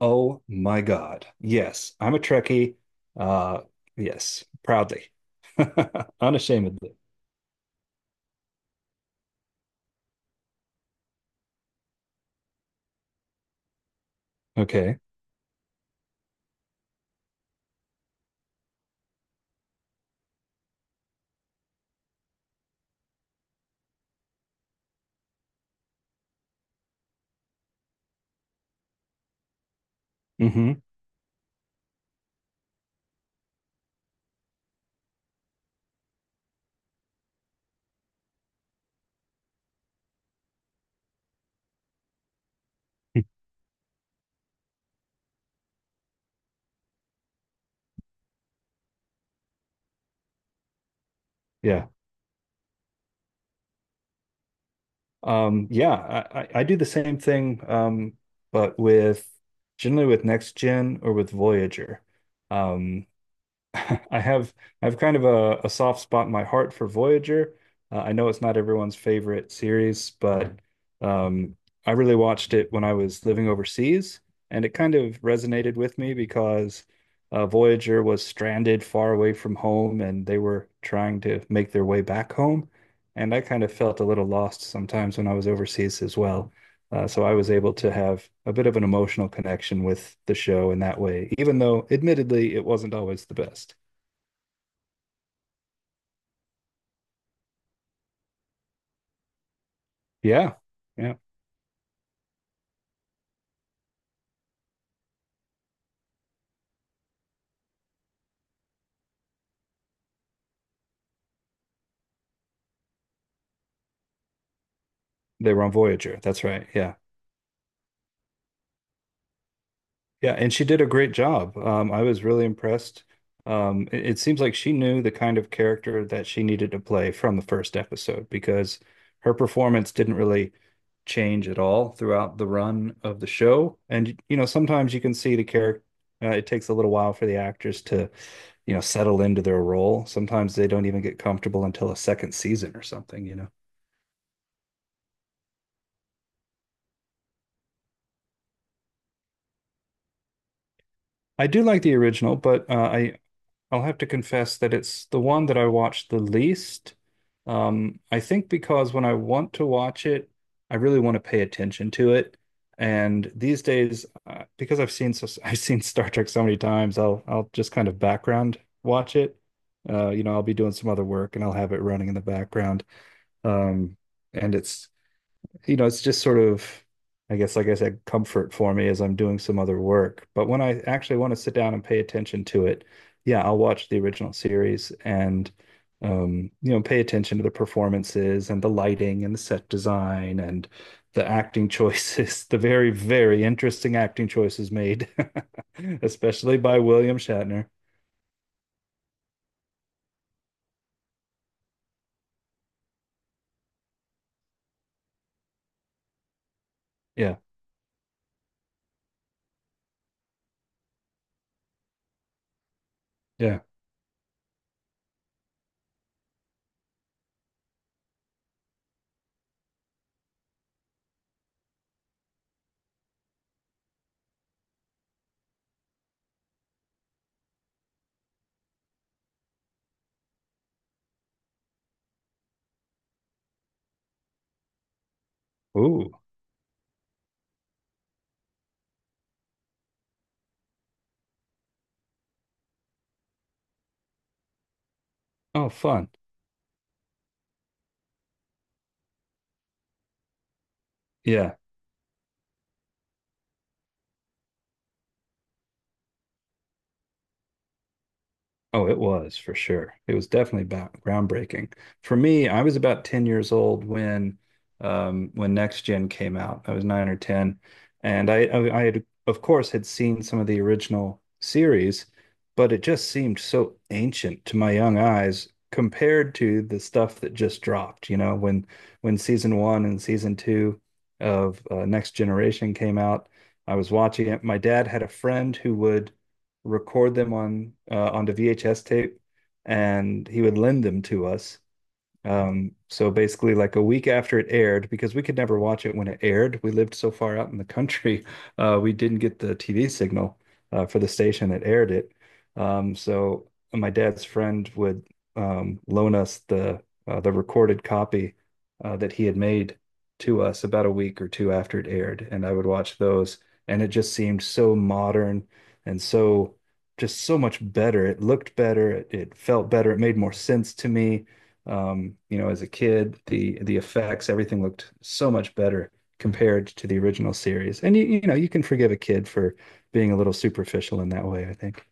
Oh my God. Yes, I'm a Trekkie. Uh, yes, proudly. Unashamedly. Okay. hmm Yeah. Yeah, I do the same thing, but with generally with Next Gen or with Voyager. Um, I have I have kind of a soft spot in my heart for Voyager. I know it's not everyone's favorite series, but um, I really watched it when I was living overseas, and it kind of resonated with me because Voyager was stranded far away from home, and they were trying to make their way back home, and I kind of felt a little lost sometimes when I was overseas as well. So I was able to have a bit of an emotional connection with the show in that way, even though admittedly it wasn't always the best. Yeah. Yeah. They were on Voyager. That's right. Yeah. Yeah. And she did a great job. I was really impressed. It seems like she knew the kind of character that she needed to play from the first episode because her performance didn't really change at all throughout the run of the show. And, you know, sometimes you can see the character, it takes a little while for the actors to, you know, settle into their role. Sometimes they don't even get comfortable until a second season or something, you know. I do like the original, but I'll have to confess that it's the one that I watch the least. I think because when I want to watch it, I really want to pay attention to it. And these days, because I've seen so I've seen Star Trek so many times, I'll just kind of background watch it. You know, I'll be doing some other work and I'll have it running in the background. Um, and it's you know, it's just sort of, I guess, like I said, comfort for me as I'm doing some other work. But when I actually want to sit down and pay attention to it, yeah, I'll watch the original series and, you know, pay attention to the performances and the lighting and the set design and the acting choices, the very, very interesting acting choices made, especially by William Shatner. Yeah, yeah. Ooh, oh, fun. Yeah. Oh, it was for sure. It was definitely groundbreaking. For me, I was about 10 years old when Next Gen came out. I was nine or 10, and I had of course had seen some of the original series, but it just seemed so ancient to my young eyes compared to the stuff that just dropped, you know, when season 1 and season 2 of Next Generation came out. I was watching it. My dad had a friend who would record them on onto VHS tape, and he would lend them to us. So basically, like a week after it aired, because we could never watch it when it aired, we lived so far out in the country, we didn't get the TV signal for the station that aired it. So my dad's friend would loan us the recorded copy that he had made to us about a week or two after it aired, and I would watch those, and it just seemed so modern and so just so much better. It looked better, it felt better, it made more sense to me you know, as a kid, the effects, everything looked so much better compared to the original series. And you know, you can forgive a kid for being a little superficial in that way, I think.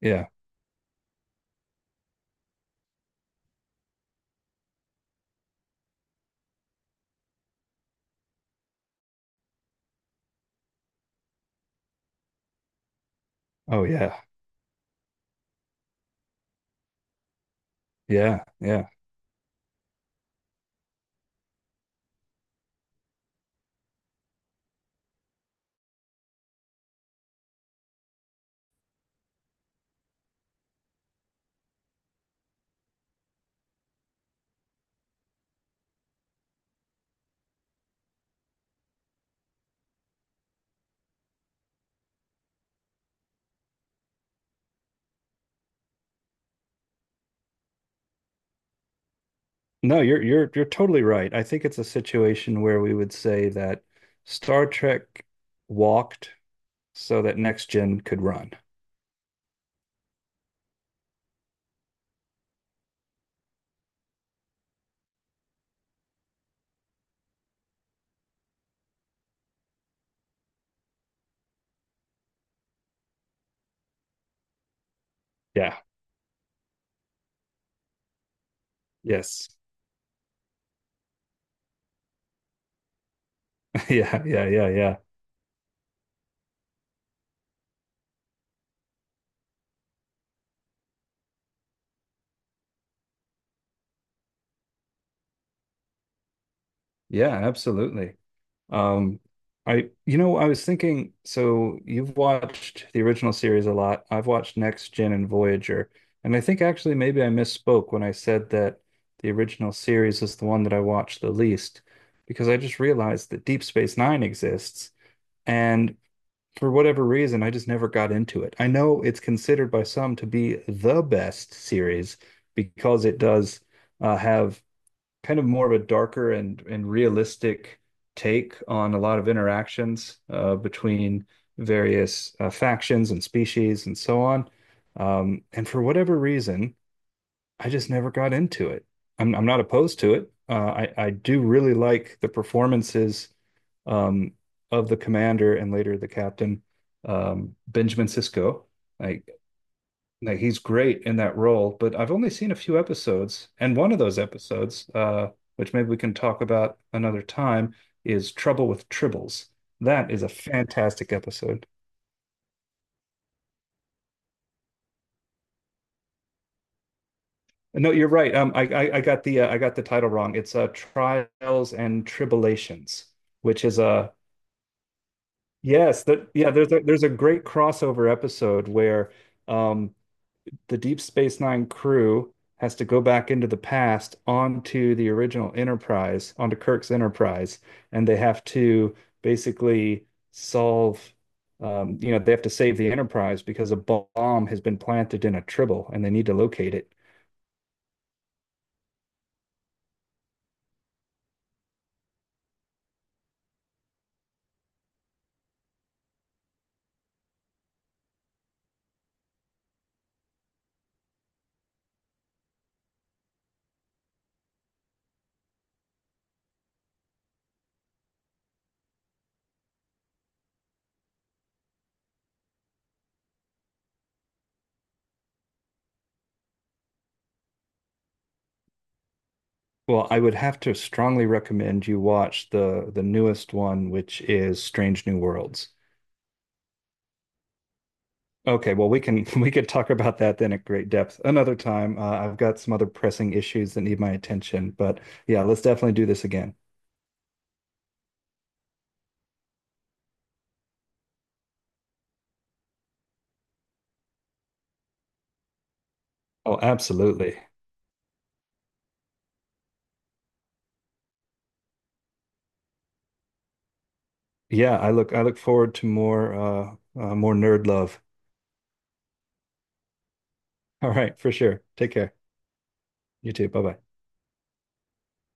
Yeah. Oh yeah. Yeah. Yeah. No, you're totally right. I think it's a situation where we would say that Star Trek walked so that next gen could run. Yeah. Yes. Yeah. Yeah. Yeah. Yeah. Yeah. Absolutely. Um, I, you know, I was thinking, so you've watched the original series a lot. I've watched Next Gen and Voyager, and I think actually maybe I misspoke when I said that the original series is the one that I watched the least, because I just realized that Deep Space Nine exists, and for whatever reason, I just never got into it. I know it's considered by some to be the best series because it does have kind of more of a darker and realistic take on a lot of interactions between various factions and species and so on. And for whatever reason, I just never got into it. I'm not opposed to it. I do really like the performances um, of the commander and later the captain, Benjamin Sisko. Like like he's great in that role, but I've only seen a few episodes, and one of those episodes, which maybe we can talk about another time, is Trouble with Tribbles. That is a fantastic episode. No, you're right. I got the I got the title wrong. It's Trials and Tribulations, which is a yes, that yeah. There's a great crossover episode where um the Deep Space Nine crew has to go back into the past onto the original Enterprise, onto Kirk's Enterprise, and they have to basically solve, you know, they have to save the Enterprise because a bomb has been planted in a tribble and they need to locate it. Well, I would have to strongly recommend you watch the newest one, which is Strange New Worlds. Okay, well, we can we could talk about that then at great depth another time. I've got some other pressing issues that need my attention, but yeah, let's definitely do this again. Oh, absolutely. Yeah, I look forward to more more nerd love. All right, for sure. Take care. You too. Bye-bye.